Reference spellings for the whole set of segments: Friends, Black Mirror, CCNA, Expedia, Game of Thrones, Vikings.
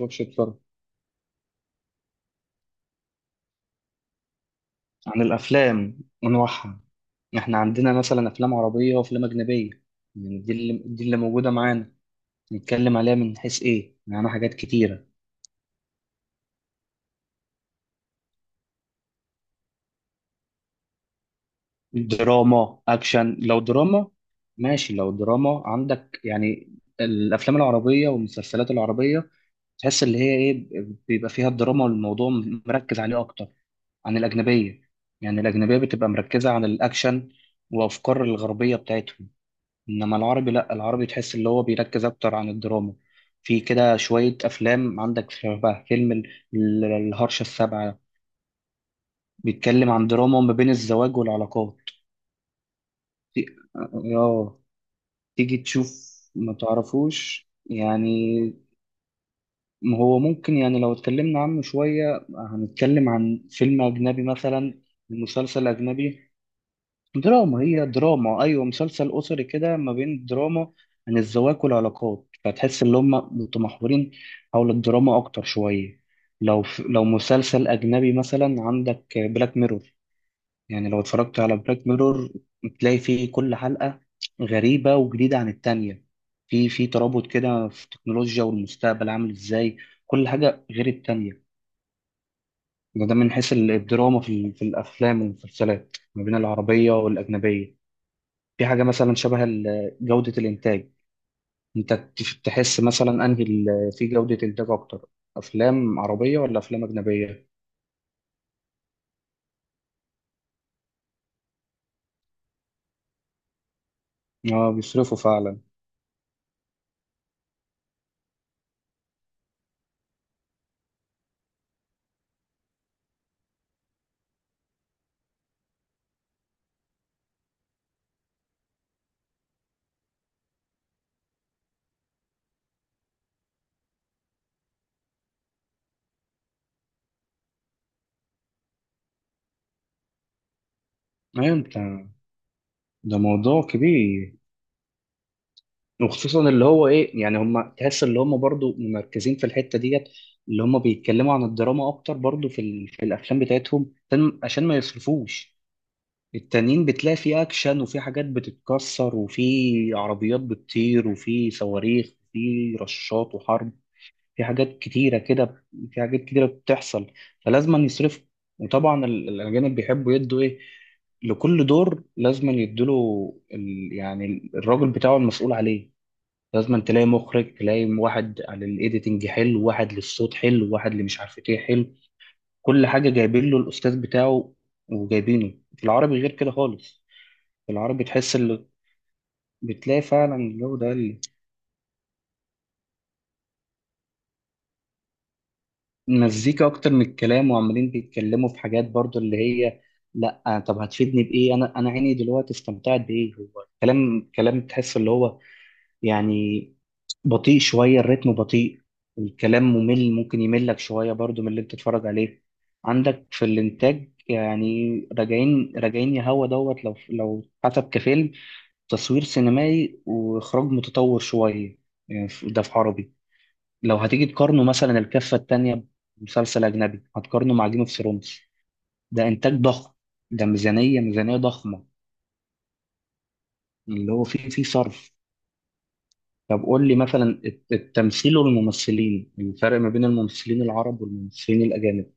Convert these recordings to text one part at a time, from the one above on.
ماتش اتفرج. عن الأفلام ونوعها. إحنا عندنا مثلا أفلام عربية وأفلام أجنبية. يعني دي اللي موجودة معانا. نتكلم عليها من حيث إيه؟ معانا حاجات كتيرة. دراما أكشن، لو دراما ماشي، لو دراما عندك يعني. الأفلام العربية والمسلسلات العربية تحس اللي هي إيه، بيبقى فيها الدراما والموضوع مركز عليه أكتر عن الأجنبية. يعني الأجنبية بتبقى مركزة على الأكشن وأفكار الغربية بتاعتهم. انما العربي، لا، العربي تحس اللي هو بيركز اكتر عن الدراما. في كده شوية افلام عندك، شبه فيلم الهرشة السابعة. بيتكلم عن دراما ما بين الزواج والعلاقات. تي- اه. تيجي تشوف. ما تعرفوش يعني. ما هو ممكن يعني لو اتكلمنا عنه شوية، هنتكلم عن فيلم أجنبي مثلا، مسلسل أجنبي. دراما، هي دراما، ايوه، مسلسل اسري كده، ما بين دراما عن الزواج والعلاقات، فتحس ان هم متمحورين حول الدراما اكتر شويه. لو مسلسل اجنبي مثلا عندك بلاك ميرور، يعني لو اتفرجت على بلاك ميرور تلاقي فيه كل حلقه غريبه وجديده عن التانية. في ترابط كده في التكنولوجيا والمستقبل عامل ازاي، كل حاجه غير التانية. ده من حيث الدراما في في الافلام والمسلسلات ما بين العربيه والاجنبيه. في حاجة مثلا شبه جودة الإنتاج. أنت تحس مثلا أنهي في جودة إنتاج أكتر، أفلام عربية ولا أفلام أجنبية؟ آه، بيصرفوا فعلا. أيوة أنت، ده موضوع كبير. وخصوصا اللي هو إيه، يعني هم تحس اللي هم برضو مركزين في الحتة ديت، اللي هم بيتكلموا عن الدراما أكتر برضو في في الأفلام بتاعتهم عشان ما يصرفوش. التانيين بتلاقي في أكشن وفي حاجات بتتكسر وفي عربيات بتطير وفي صواريخ وفي رشاط وحرب، في حاجات كتيرة كده، في حاجات كتيرة بتحصل، فلازم يصرف. وطبعا الأجانب بيحبوا يدوا إيه، لكل دور لازم يدوا يعني الراجل بتاعه المسؤول عليه. لازم تلاقي مخرج، تلاقي واحد على الايديتنج حلو، واحد للصوت حلو، واحد اللي مش عارف ايه حلو. كل حاجة جايبين له الأستاذ بتاعه، وجايبينه في العربي غير كده خالص. في العربي تحس اللي بتلاقي فعلا الجو ده، مزيكا اكتر من الكلام، وعمالين بيتكلموا في حاجات برضو اللي هي لا طب هتفيدني بايه؟ انا عيني دلوقتي استمتعت بايه؟ هو كلام كلام تحس اللي هو يعني بطيء شويه، الريتم بطيء. الكلام ممل، ممكن يملك شويه برضو من اللي انت تتفرج عليه. عندك في الانتاج يعني راجعين راجعين يا هوا دوت. لو حسب كفيلم، تصوير سينمائي واخراج متطور شويه، يعني ده في عربي. لو هتيجي تقارنه مثلا، الكفة التانية، بمسلسل أجنبي هتقارنه مع جيم اوف ثرونز، ده إنتاج ضخم، ده ميزانية ضخمة. اللي هو فيه صرف. طب قول لي مثلا التمثيل والممثلين، الفرق ما بين الممثلين العرب والممثلين الأجانب.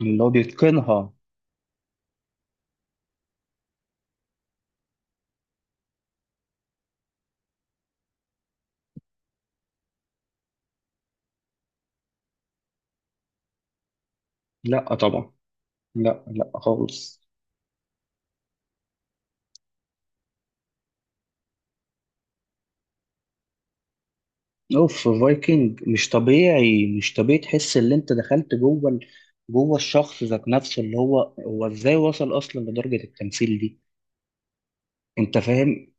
اللي هو بيتقنها. لا طبعا. لا، لا، خالص. اوف فايكنج، مش طبيعي، مش طبيعي. تحس ان انت دخلت جوه جوه الشخص ذات نفسه، اللي هو ازاي وصل اصلا لدرجة التمثيل دي، انت فاهم.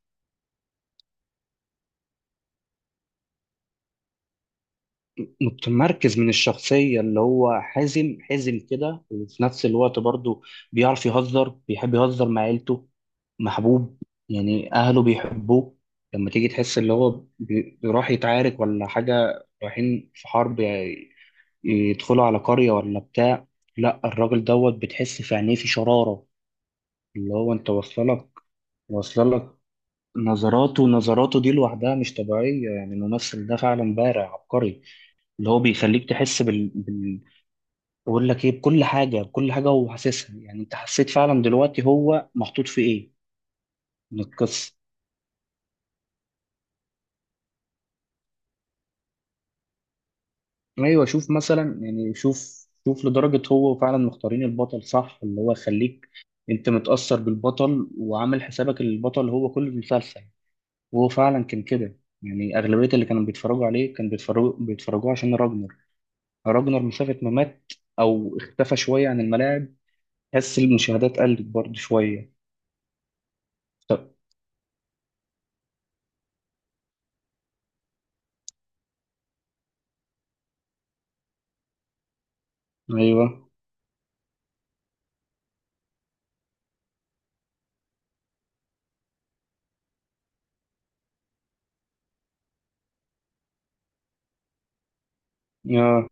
متمركز من الشخصية، اللي هو حازم، حازم كده، وفي نفس الوقت برضه بيعرف يهزر، بيحب يهزر مع عيلته، محبوب. يعني أهله بيحبوه. لما تيجي تحس اللي هو بيروح يتعارك ولا حاجة، رايحين في حرب يعني، يدخلوا على قرية ولا بتاع، لا الراجل دوت بتحس في عينيه في شرارة، اللي هو أنت واصلة لك. نظراته، نظراته دي لوحدها مش طبيعية. يعني الممثل ده فعلا بارع عبقري، اللي هو بيخليك تحس بقول لك ايه، بكل حاجه، بكل حاجه هو حاسسها. يعني انت حسيت فعلا دلوقتي هو محطوط في ايه من القصه. ايوه، شوف مثلا يعني، شوف شوف لدرجه هو فعلا مختارين البطل صح، اللي هو يخليك انت متاثر بالبطل، وعامل حسابك إن البطل هو كل المسلسل، وهو فعلا كان كده. يعني اغلبيه اللي كانوا بيتفرجوا عليه كانوا بيتفرجوا عشان راجنر. راجنر مسافه ما مات او اختفى شويه عن الملاعب، تحس المشاهدات قلت برضه شويه. طب. ايوه. يا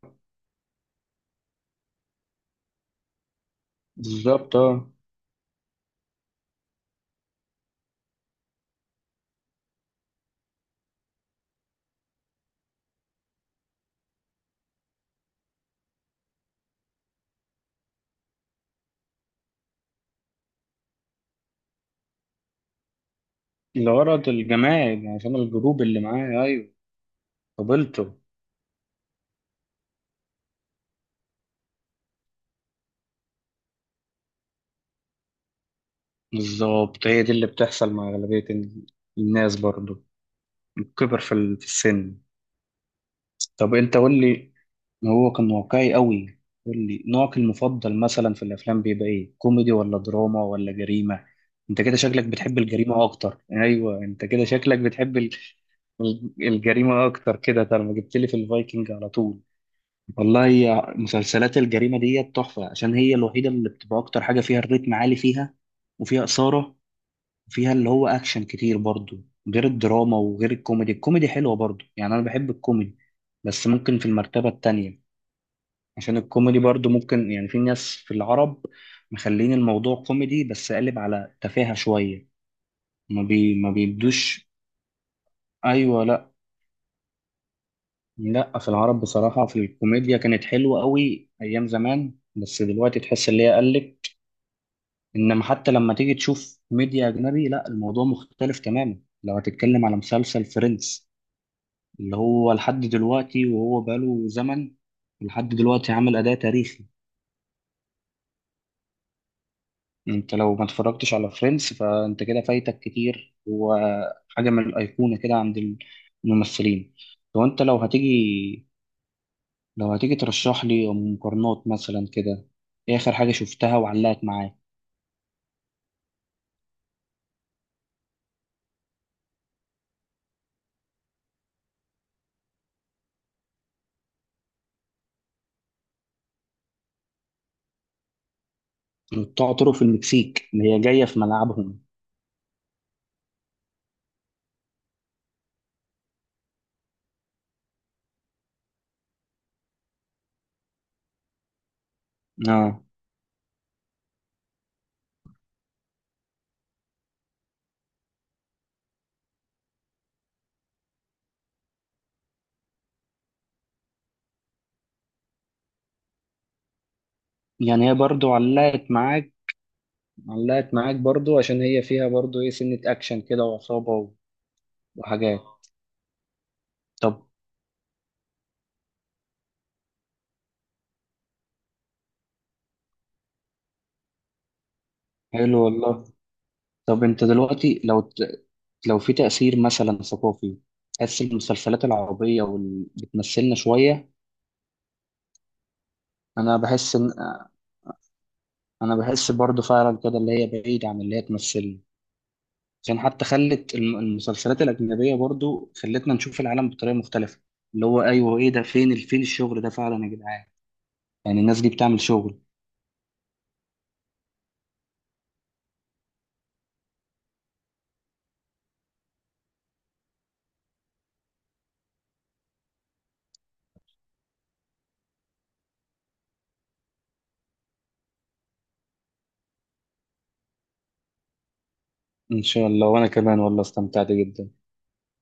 بالظبط. اه. الغرض الجماعي، يعني عشان الجروب اللي معاه، أيوه، قبلته. بالظبط، هي دي اللي بتحصل مع أغلبية الناس برضو، الكبر في في السن. طب أنت قول لي. هو كان واقعي قوي. قول لي نوعك المفضل مثلا في الأفلام بيبقى إيه، كوميدي ولا دراما ولا جريمة؟ أنت كده شكلك بتحب الجريمة أكتر، أيوه أنت كده شكلك بتحب الجريمة أكتر كده، طالما جبت لي في الفايكنج على طول. والله، هي مسلسلات الجريمة دي تحفة، عشان هي الوحيدة اللي بتبقى أكتر حاجة، فيها الريتم عالي، فيها وفيها إثارة، وفيها اللي هو أكشن كتير برضو، غير الدراما وغير الكوميدي. الكوميدي حلوة برضو، يعني أنا بحب الكوميدي بس ممكن في المرتبة التانية، عشان الكوميدي برضو ممكن يعني في ناس في العرب مخلين الموضوع كوميدي بس قالب على تفاهة شوية. ما بيدوش. أيوة، لأ، لأ، في العرب بصراحة في الكوميديا كانت حلوة قوي أيام زمان، بس دلوقتي تحس اللي هي قلت. انما حتى لما تيجي تشوف ميديا اجنبي، لا الموضوع مختلف تماما. لو هتتكلم على مسلسل فريندز، اللي هو لحد دلوقتي، وهو بقاله زمن لحد دلوقتي عامل اداء تاريخي. انت لو ما اتفرجتش على فريندز فانت كده فايتك كتير، وحاجه من الايقونه كده عند الممثلين. لو انت لو هتيجي لو هتيجي ترشح لي مقارنات مثلا كده، ايه اخر حاجه شفتها وعلقت معاك. بتوع طرق في المكسيك اللي هي جايه في ملعبهم. اه. يعني هي برضو علقت معاك، برضو عشان هي فيها برضو ايه، سنة اكشن كده وعصابة وحاجات. طب، حلو والله. طب انت دلوقتي لو في تأثير مثلا ثقافي، تحس المسلسلات العربية بتمثلنا شوية؟ انا بحس ان انا بحس برضو فعلا كده، اللي هي بعيد عن اللي هي تمثلنا، عشان حتى خلت المسلسلات الأجنبية برضو خلتنا نشوف العالم بطريقة مختلفة. اللي هو ايوه، ايه ده، فين فين الشغل ده فعلا يا جدعان؟ يعني الناس دي بتعمل شغل. إن شاء الله، وأنا كمان والله استمتعت جدا.